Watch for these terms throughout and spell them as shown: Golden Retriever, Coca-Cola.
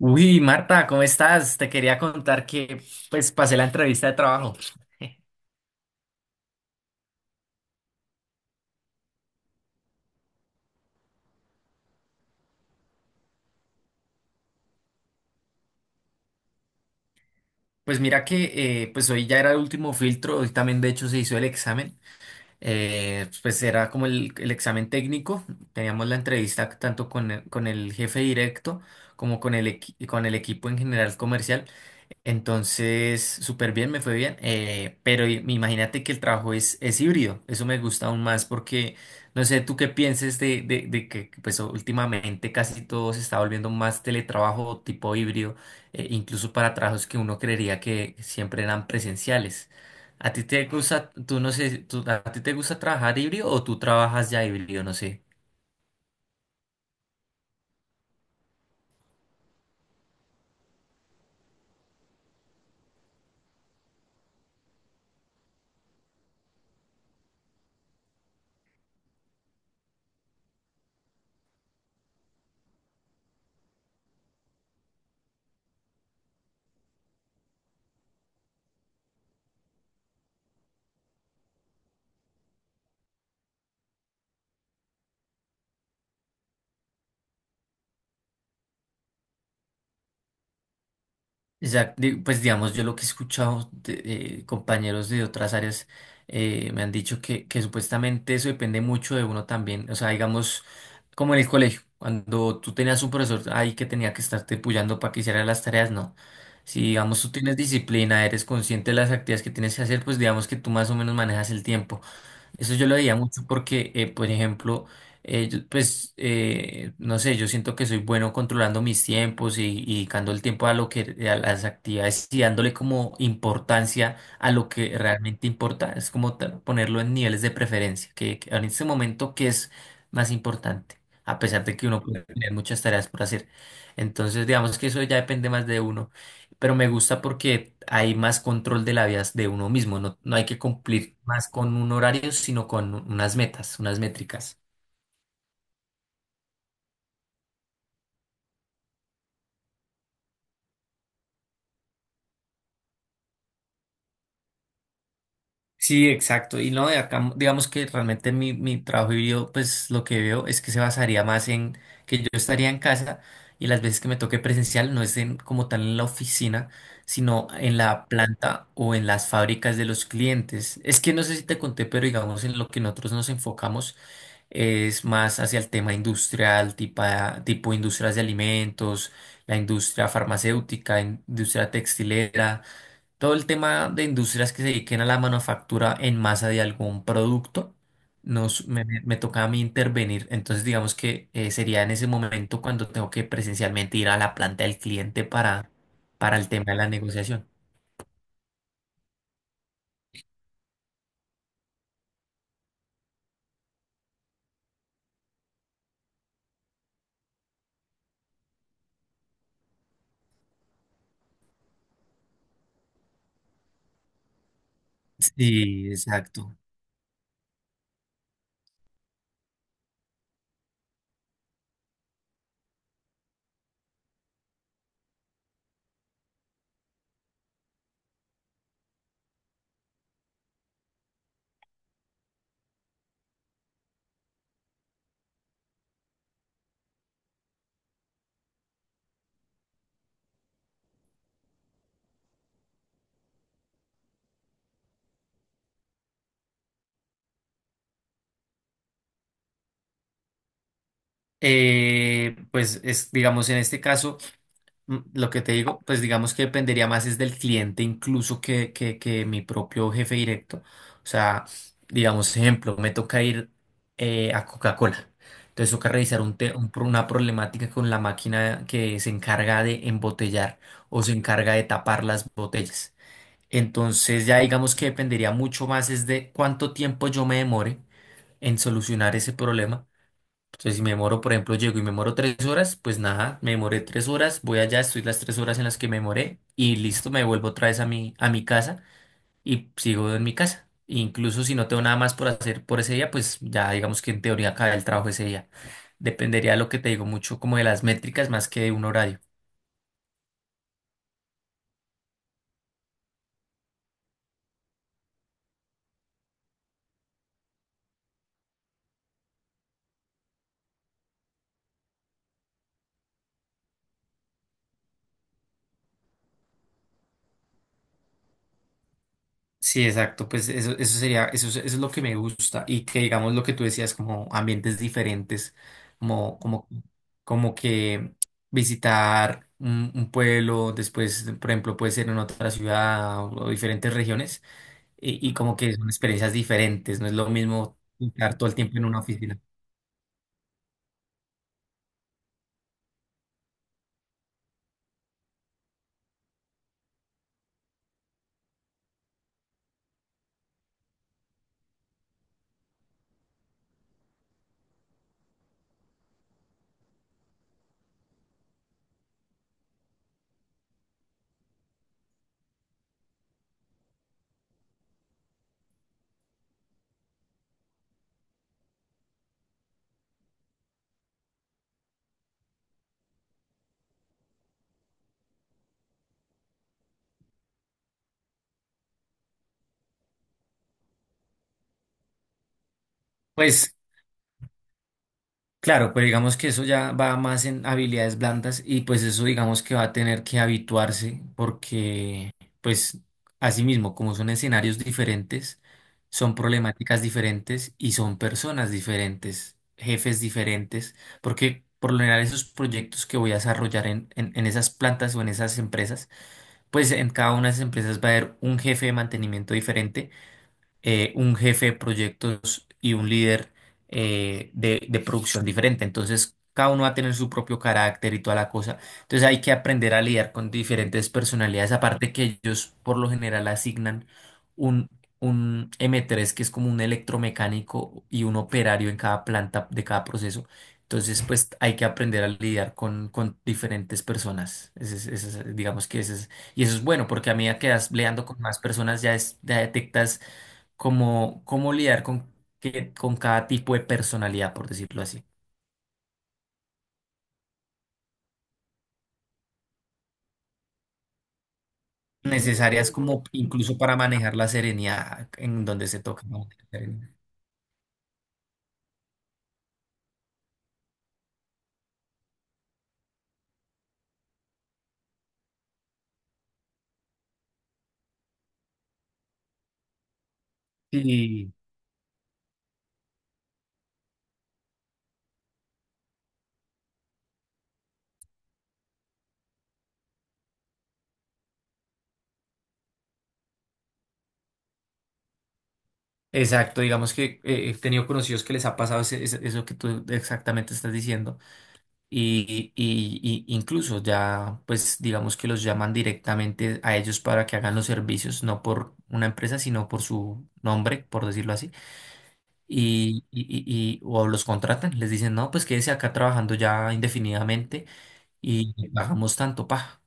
Uy, Marta, ¿cómo estás? Te quería contar que pues pasé la entrevista de trabajo. Pues mira que pues hoy ya era el último filtro, hoy también de hecho se hizo el examen. Pues era como el examen técnico. Teníamos la entrevista tanto con con el jefe directo como con con el equipo en general comercial. Entonces, súper bien, me fue bien. Pero imagínate que el trabajo es híbrido. Eso me gusta aún más porque no sé tú qué pienses de que pues últimamente casi todo se está volviendo más teletrabajo tipo híbrido, incluso para trabajos que uno creería que siempre eran presenciales. ¿A ti te gusta, tú no sé, a ti te gusta trabajar híbrido o tú trabajas ya híbrido? No sé. Pues digamos, yo lo que he escuchado de compañeros de otras áreas me han dicho que supuestamente eso depende mucho de uno también. O sea, digamos, como en el colegio, cuando tú tenías un profesor ahí que tenía que estarte puyando para que hiciera las tareas, no. Si digamos tú tienes disciplina, eres consciente de las actividades que tienes que hacer, pues digamos que tú más o menos manejas el tiempo. Eso yo lo veía mucho porque, por ejemplo, yo, pues, no sé, yo siento que soy bueno controlando mis tiempos y dedicando el tiempo a lo que, a las actividades y dándole como importancia a lo que realmente importa. Es como ponerlo en niveles de preferencia, que en este momento, ¿qué es más importante? A pesar de que uno puede tener muchas tareas por hacer. Entonces, digamos que eso ya depende más de uno, pero me gusta porque hay más control de la vida de uno mismo. No, no hay que cumplir más con un horario, sino con unas metas, unas métricas. Sí, exacto. Y no, de acá, digamos que realmente mi trabajo híbrido, pues lo que veo es que se basaría más en que yo estaría en casa y las veces que me toque presencial no es como tal en la oficina, sino en la planta o en las fábricas de los clientes. Es que no sé si te conté, pero digamos en lo que nosotros nos enfocamos. Es más hacia el tema industrial, tipo, tipo industrias de alimentos, la industria farmacéutica, industria textilera, todo el tema de industrias que se dediquen a la manufactura en masa de algún producto. Me toca a mí intervenir, entonces digamos que sería en ese momento cuando tengo que presencialmente ir a la planta del cliente para el tema de la negociación. Sí, exacto. Pues es, digamos, en este caso... Lo que te digo, pues digamos que dependería más es del cliente incluso que mi propio jefe directo. O sea, digamos, ejemplo, me toca ir a Coca-Cola. Entonces toca revisar un te- un pro- una problemática con la máquina que se encarga de embotellar o se encarga de tapar las botellas. Entonces ya digamos que dependería mucho más es de cuánto tiempo yo me demore en solucionar ese problema. Entonces, si me demoro, por ejemplo, llego y me demoro tres horas, pues nada, me demoré tres horas, voy allá, estoy las tres horas en las que me demoré y listo, me vuelvo otra vez a a mi casa y sigo en mi casa. Incluso si no tengo nada más por hacer por ese día, pues ya digamos que en teoría acaba el trabajo ese día. Dependería de lo que te digo mucho como de las métricas más que de un horario. Sí, exacto, pues eso sería, eso, eso es lo que me gusta y que digamos lo que tú decías, como ambientes diferentes, como, como, como que visitar un pueblo, después, por ejemplo, puede ser en otra ciudad o diferentes regiones y como que son experiencias diferentes, no es lo mismo estar todo el tiempo en una oficina. Pues claro, pero digamos que eso ya va más en habilidades blandas y pues eso digamos que va a tener que habituarse porque pues así mismo como son escenarios diferentes, son problemáticas diferentes y son personas diferentes, jefes diferentes, porque por lo general esos proyectos que voy a desarrollar en esas plantas o en esas empresas, pues en cada una de esas empresas va a haber un jefe de mantenimiento diferente, un jefe de proyectos y un líder de producción diferente. Entonces, cada uno va a tener su propio carácter y toda la cosa. Entonces, hay que aprender a lidiar con diferentes personalidades, aparte que ellos por lo general asignan un, un m tres que es como un electromecánico y un operario en cada planta de cada proceso. Entonces, pues hay que aprender a lidiar con diferentes personas. Digamos que ese es, y eso es bueno, porque a medida que vas leando con más personas, ya, ya detectas cómo, cómo lidiar con, que, con cada tipo de personalidad, por decirlo así. Necesarias como incluso para manejar la serenidad en donde se toca. ¿No? Serenidad. Sí, exacto. Digamos que he tenido conocidos que les ha pasado eso que tú exactamente estás diciendo. Y incluso ya, pues digamos que los llaman directamente a ellos para que hagan los servicios, no por una empresa, sino por su nombre, por decirlo así. Y o los contratan, les dicen, no, pues quédese acá trabajando ya indefinidamente y le pagamos tanto, pa.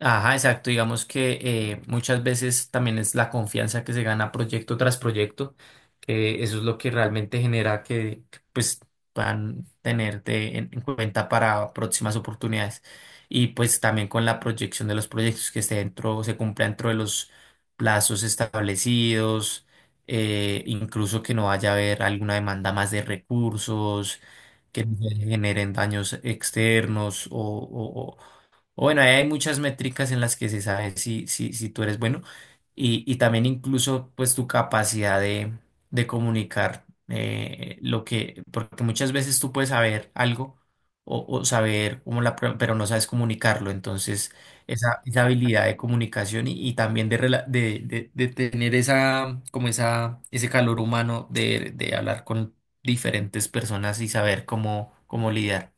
Ajá, exacto. Digamos que muchas veces también es la confianza que se gana proyecto tras proyecto, que eso es lo que realmente genera que, pues puedan tenerte en cuenta para próximas oportunidades. Y pues también con la proyección de los proyectos que esté dentro, se cumpla dentro de los plazos establecidos, incluso que no vaya a haber alguna demanda más de recursos, que no se generen daños externos o, bueno, ahí hay muchas métricas en las que se sabe si tú eres bueno y también incluso pues tu capacidad de comunicar porque muchas veces tú puedes saber algo o saber cómo pero no sabes comunicarlo, entonces esa habilidad de comunicación y también de, de tener esa, como esa, ese calor humano de hablar con diferentes personas y saber cómo, cómo lidiar.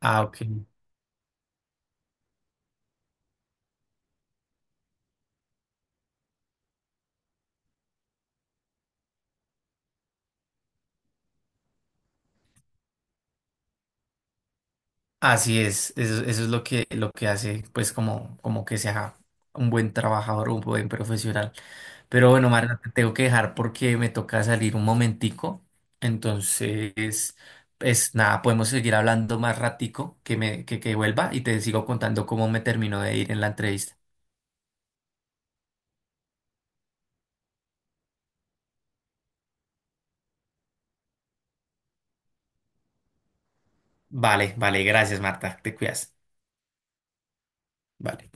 Ah, ok. Así es, eso es lo que hace, pues, como, como que sea un buen trabajador, un buen profesional. Pero bueno, Marta, te tengo que dejar porque me toca salir un momentico. Entonces, pues nada, podemos seguir hablando más ratico que me, que vuelva y te sigo contando cómo me terminó de ir en la entrevista. Vale, vale, gracias, Marta, te cuidas. Vale.